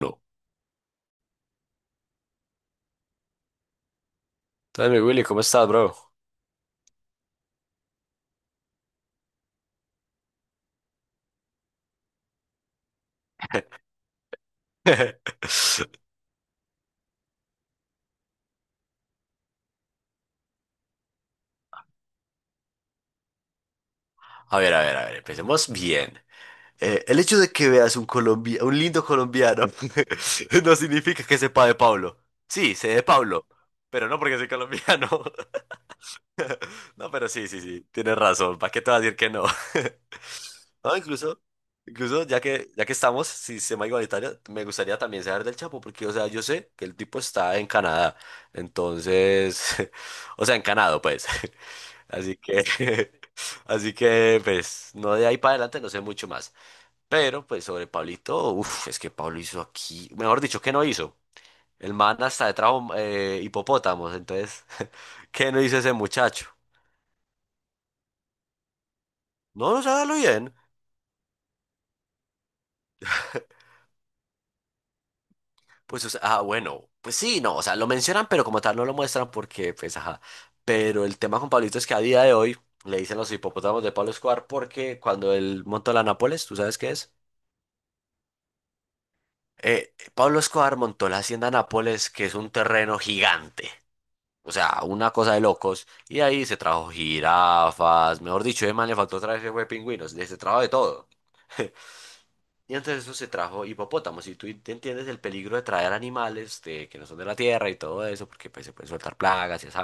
No. Entonces, mi Willy, ¿cómo estás, bro? A ver, a ver, a ver, empecemos bien. El hecho de que veas un lindo colombiano no significa que sepa de Pablo. Sí, sé de Pablo, pero no porque soy colombiano. No, pero sí, sí, sí, tienes razón. ¿Para qué te vas a decir que no? No, incluso ya que estamos, si se llama igualitario, me gustaría también saber del Chapo, porque, o sea, yo sé que el tipo está en Canadá, entonces, o sea, en Canadá, pues. Así que, así que, pues, no, de ahí para adelante no sé mucho más. Pero, pues, sobre Pablito, uff, es que Pablo hizo aquí, mejor dicho, ¿qué no hizo? El man hasta de trajo hipopótamos, entonces, ¿qué no hizo ese muchacho? No, no sabe lo bien. Pues, o sea, ah, bueno, pues sí, no, o sea, lo mencionan, pero como tal no lo muestran porque, pues, ajá. Pero el tema con Pablito es que a día de hoy le dicen los hipopótamos de Pablo Escobar porque cuando él montó la Nápoles, ¿tú sabes qué es? Pablo Escobar montó la hacienda Nápoles, que es un terreno gigante, o sea, una cosa de locos, y de ahí se trajo jirafas, mejor dicho, además le faltó otra traer ese pingüinos, se trajo de todo. Y antes de eso se trajo hipopótamos, y tú te entiendes el peligro de traer animales que no son de la tierra y todo eso, porque pues, se pueden soltar plagas y así,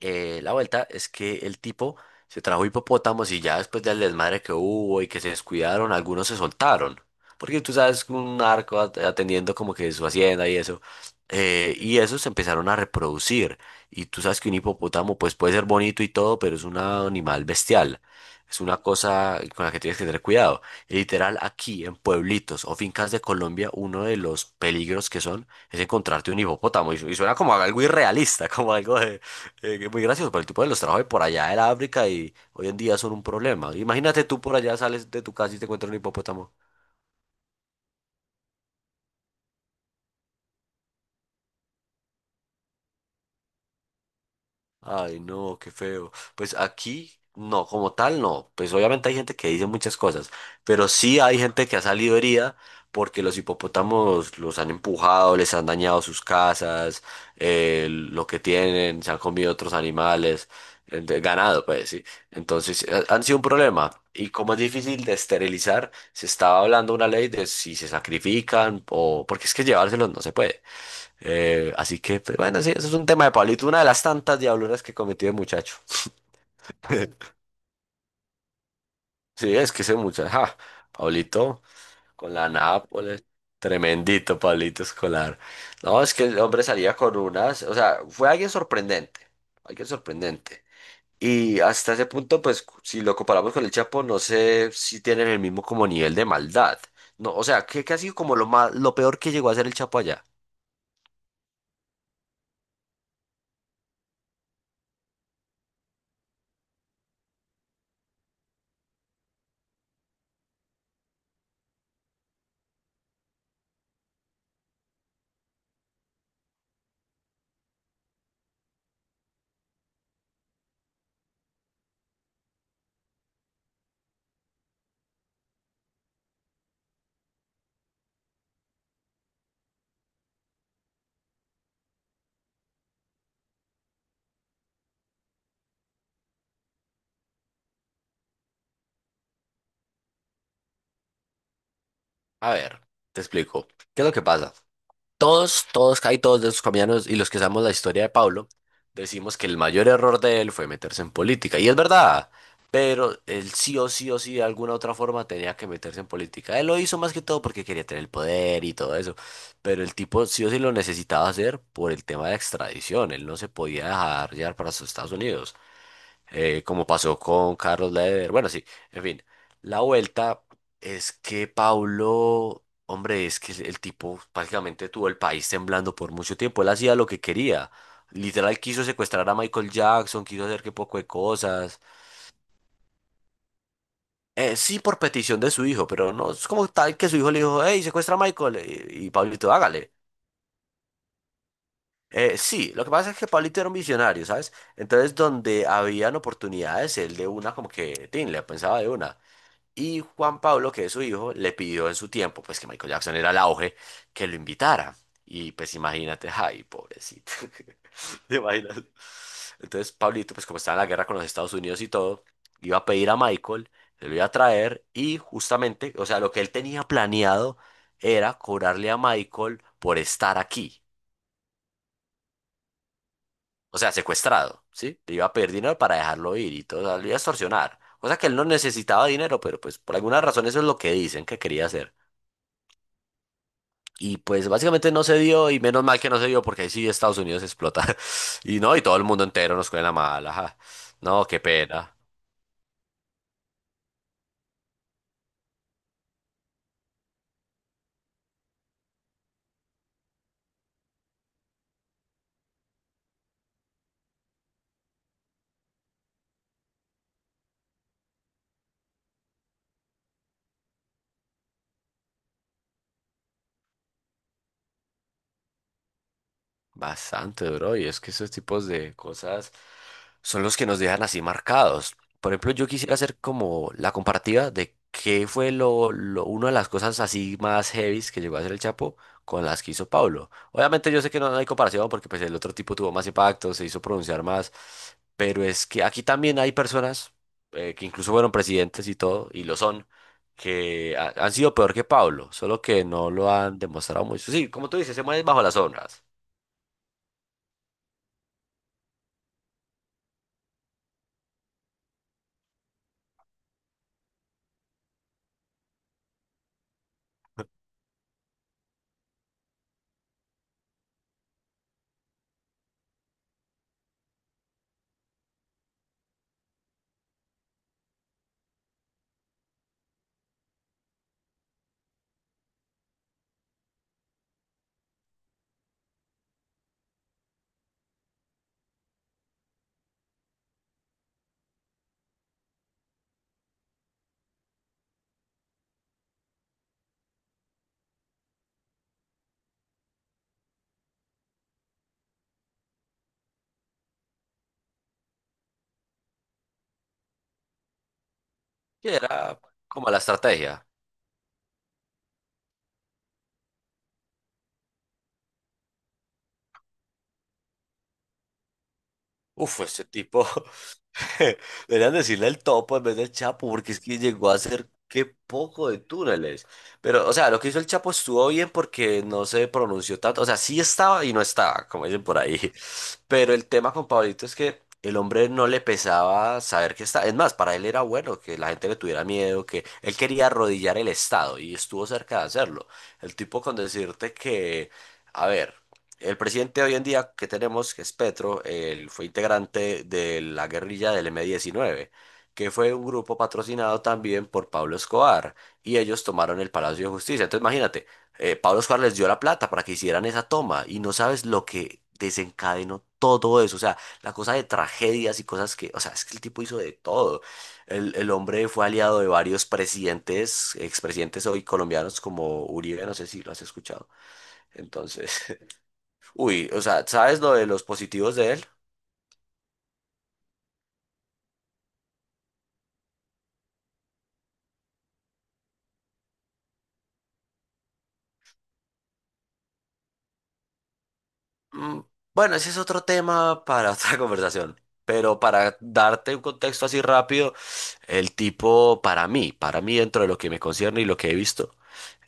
la vuelta es que el tipo se trajo hipopótamos y ya después del desmadre que hubo y que se descuidaron, algunos se soltaron. Porque tú sabes, un narco atendiendo como que su hacienda y eso. Y esos se empezaron a reproducir. Y tú sabes que un hipopótamo pues puede ser bonito y todo, pero es un animal bestial. Es una cosa con la que tienes que tener cuidado. Y literal, aquí en pueblitos o fincas de Colombia, uno de los peligros que son es encontrarte un hipopótamo. Y suena como algo irrealista, como algo que muy gracioso, pero el tipo de los trajo de por allá de la África y hoy en día son un problema. Imagínate tú, por allá sales de tu casa y te encuentras un hipopótamo. Ay, no, qué feo. Pues aquí, no, como tal, no. Pues obviamente hay gente que dice muchas cosas, pero sí hay gente que ha salido herida porque los hipopótamos los han empujado, les han dañado sus casas, lo que tienen, se han comido otros animales, ganado, pues sí. Entonces, han sido un problema. Y como es difícil de esterilizar, se estaba hablando una ley de si se sacrifican o porque es que llevárselos no se puede. Así que, pues, bueno, sí, eso es un tema de Pablito, una de las tantas diabluras que cometió el muchacho. Sí, es que ese muchacho, ja, Pablito con la Nápoles, tremendito Pablito Escolar. No, es que el hombre salía con unas, o sea, fue alguien sorprendente, alguien sorprendente. Y hasta ese punto, pues, si lo comparamos con el Chapo, no sé si tienen el mismo como nivel de maldad. No, o sea, que ha sido como lo más, lo peor que llegó a ser el Chapo allá. A ver, te explico. ¿Qué es lo que pasa? Todos, todos, casi todos de esos colombianos y los que sabemos la historia de Pablo, decimos que el mayor error de él fue meterse en política. Y es verdad, pero él sí o sí o sí de alguna otra forma tenía que meterse en política. Él lo hizo más que todo porque quería tener el poder y todo eso. Pero el tipo sí o sí lo necesitaba hacer por el tema de extradición. Él no se podía dejar llevar para sus Estados Unidos, como pasó con Carlos Leder. Bueno, sí, en fin. La vuelta es que Paulo, hombre, es que el tipo prácticamente tuvo el país temblando por mucho tiempo. Él hacía lo que quería. Literal quiso secuestrar a Michael Jackson, quiso hacer que poco de cosas. Sí, por petición de su hijo, pero no es como tal que su hijo le dijo, hey, secuestra a Michael. Y Pablito, hágale. Sí, lo que pasa es que Pablito era un visionario, ¿sabes? Entonces, donde habían oportunidades, él de una como que, tin, le pensaba de una. Y Juan Pablo, que es su hijo, le pidió en su tiempo, pues que Michael Jackson era el auge, que lo invitara. Y pues imagínate, ay, pobrecito. ¿Te imaginas? Entonces Pablito, pues como estaba en la guerra con los Estados Unidos y todo, iba a pedir a Michael, se lo iba a traer y justamente, o sea, lo que él tenía planeado era cobrarle a Michael por estar aquí, o sea, secuestrado, ¿sí? Le iba a pedir dinero para dejarlo ir y todo, o sea, lo iba a extorsionar. Cosa que él no necesitaba dinero, pero pues por alguna razón eso es lo que dicen que quería hacer. Y pues básicamente no se dio y menos mal que no se dio porque ahí sí Estados Unidos explota. Y no, y todo el mundo entero nos coge la mala. Ajá. No, qué pena. Bastante, bro. Y es que esos tipos de cosas son los que nos dejan así marcados. Por ejemplo, yo quisiera hacer como la comparativa de qué fue una de las cosas así más heavies que llegó a hacer el Chapo con las que hizo Pablo. Obviamente yo sé que no, no hay comparación porque pues el otro tipo tuvo más impacto, se hizo pronunciar más, pero es que aquí también hay personas, que incluso fueron presidentes y todo, y lo son, que han sido peor que Pablo, solo que no lo han demostrado mucho. Sí, como tú dices, se mueven bajo las sombras. Que era como la estrategia. Uf, ese tipo, deberían decirle el topo en vez del Chapo, porque es que llegó a hacer qué poco de túneles. Pero, o sea, lo que hizo el Chapo estuvo bien porque no se pronunció tanto. O sea, sí estaba y no estaba, como dicen por ahí. Pero el tema con Pablito es que el hombre no le pesaba saber que está. Es más, para él era bueno que la gente le tuviera miedo, que él quería arrodillar el Estado y estuvo cerca de hacerlo. El tipo, con decirte que, a ver. El presidente hoy en día que tenemos, que es Petro, él fue integrante de la guerrilla del M-19, que fue un grupo patrocinado también por Pablo Escobar, y ellos tomaron el Palacio de Justicia. Entonces imagínate, Pablo Escobar les dio la plata para que hicieran esa toma, y no sabes lo que desencadenó todo eso, o sea, la cosa de tragedias y cosas que, o sea, es que el tipo hizo de todo. El hombre fue aliado de varios presidentes, expresidentes hoy colombianos como Uribe, no sé si lo has escuchado. Entonces... Uy, o sea, ¿sabes lo de los positivos de él? Mm, Bueno, ese es otro tema para otra conversación, pero para darte un contexto así rápido, el tipo, para mí, para mí, dentro de lo que me concierne y lo que he visto,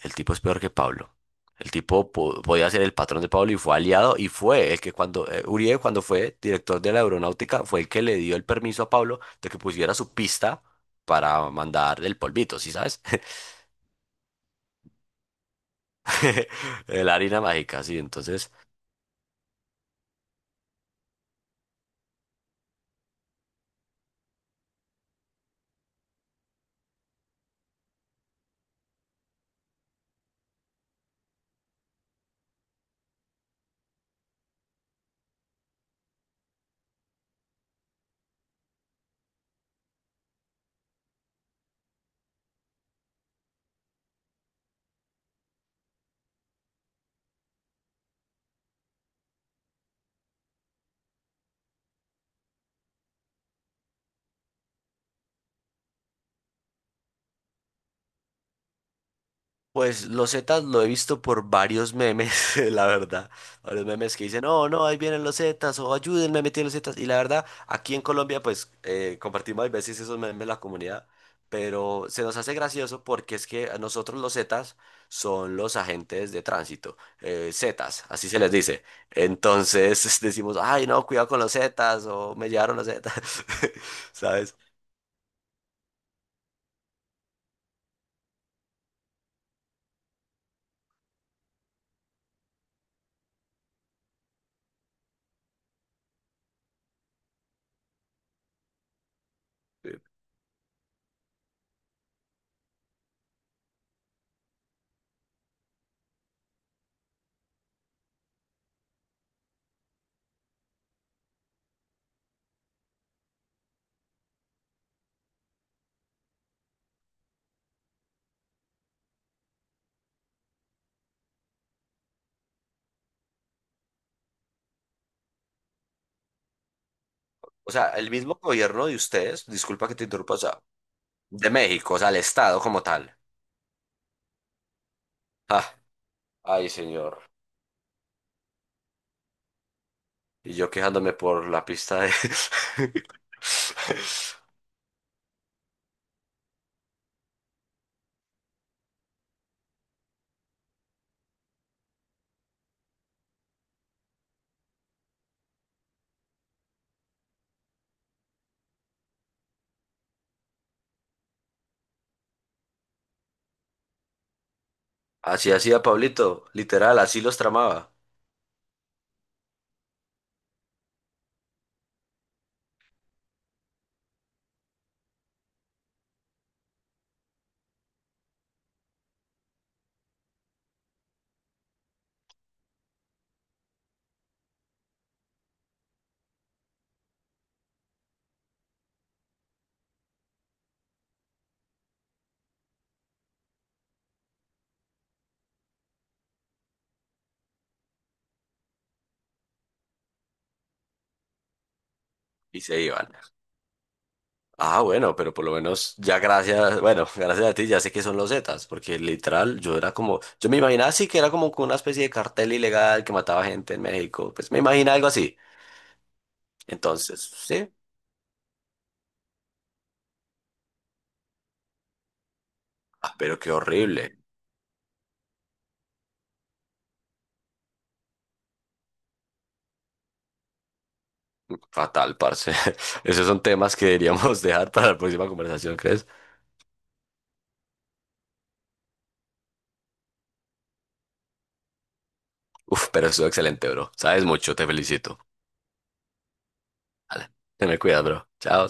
el tipo es peor que Pablo. El tipo podía ser el patrón de Pablo y fue aliado y fue el que cuando, Uribe, cuando fue director de la aeronáutica, fue el que le dio el permiso a Pablo de que pusiera su pista para mandar el polvito, ¿sí sabes? La harina mágica, sí. Entonces, pues los Zetas lo he visto por varios memes, la verdad. Varios memes que dicen, no, no, ahí vienen los Zetas, o ayúdenme a meter los Zetas. Y la verdad, aquí en Colombia, pues compartimos a veces esos memes en la comunidad, pero se nos hace gracioso porque es que a nosotros los Zetas son los agentes de tránsito, Zetas, así se les dice. Entonces decimos, ay, no, cuidado con los Zetas, o me llevaron los Zetas, ¿sabes? O sea, el mismo gobierno de ustedes, disculpa que te interrumpa, o sea, de México, o sea, el estado como tal. Ah, ay, señor. Y yo quejándome por la pista de... Así hacía Pablito, literal, así los tramaba. Y se iban. Ah, bueno, pero por lo menos ya, gracias, bueno, gracias a ti ya sé que son los Zetas, porque literal yo era como, yo me imaginaba así que era como con una especie de cartel ilegal que mataba gente en México, pues me imaginaba algo así. Entonces, sí, ah, pero qué horrible, fatal, parce. Esos son temas que deberíamos dejar para la próxima conversación, ¿crees? Uf, pero estuvo excelente, bro. Sabes mucho, te felicito. Vale, ten cuidado, bro. Chao.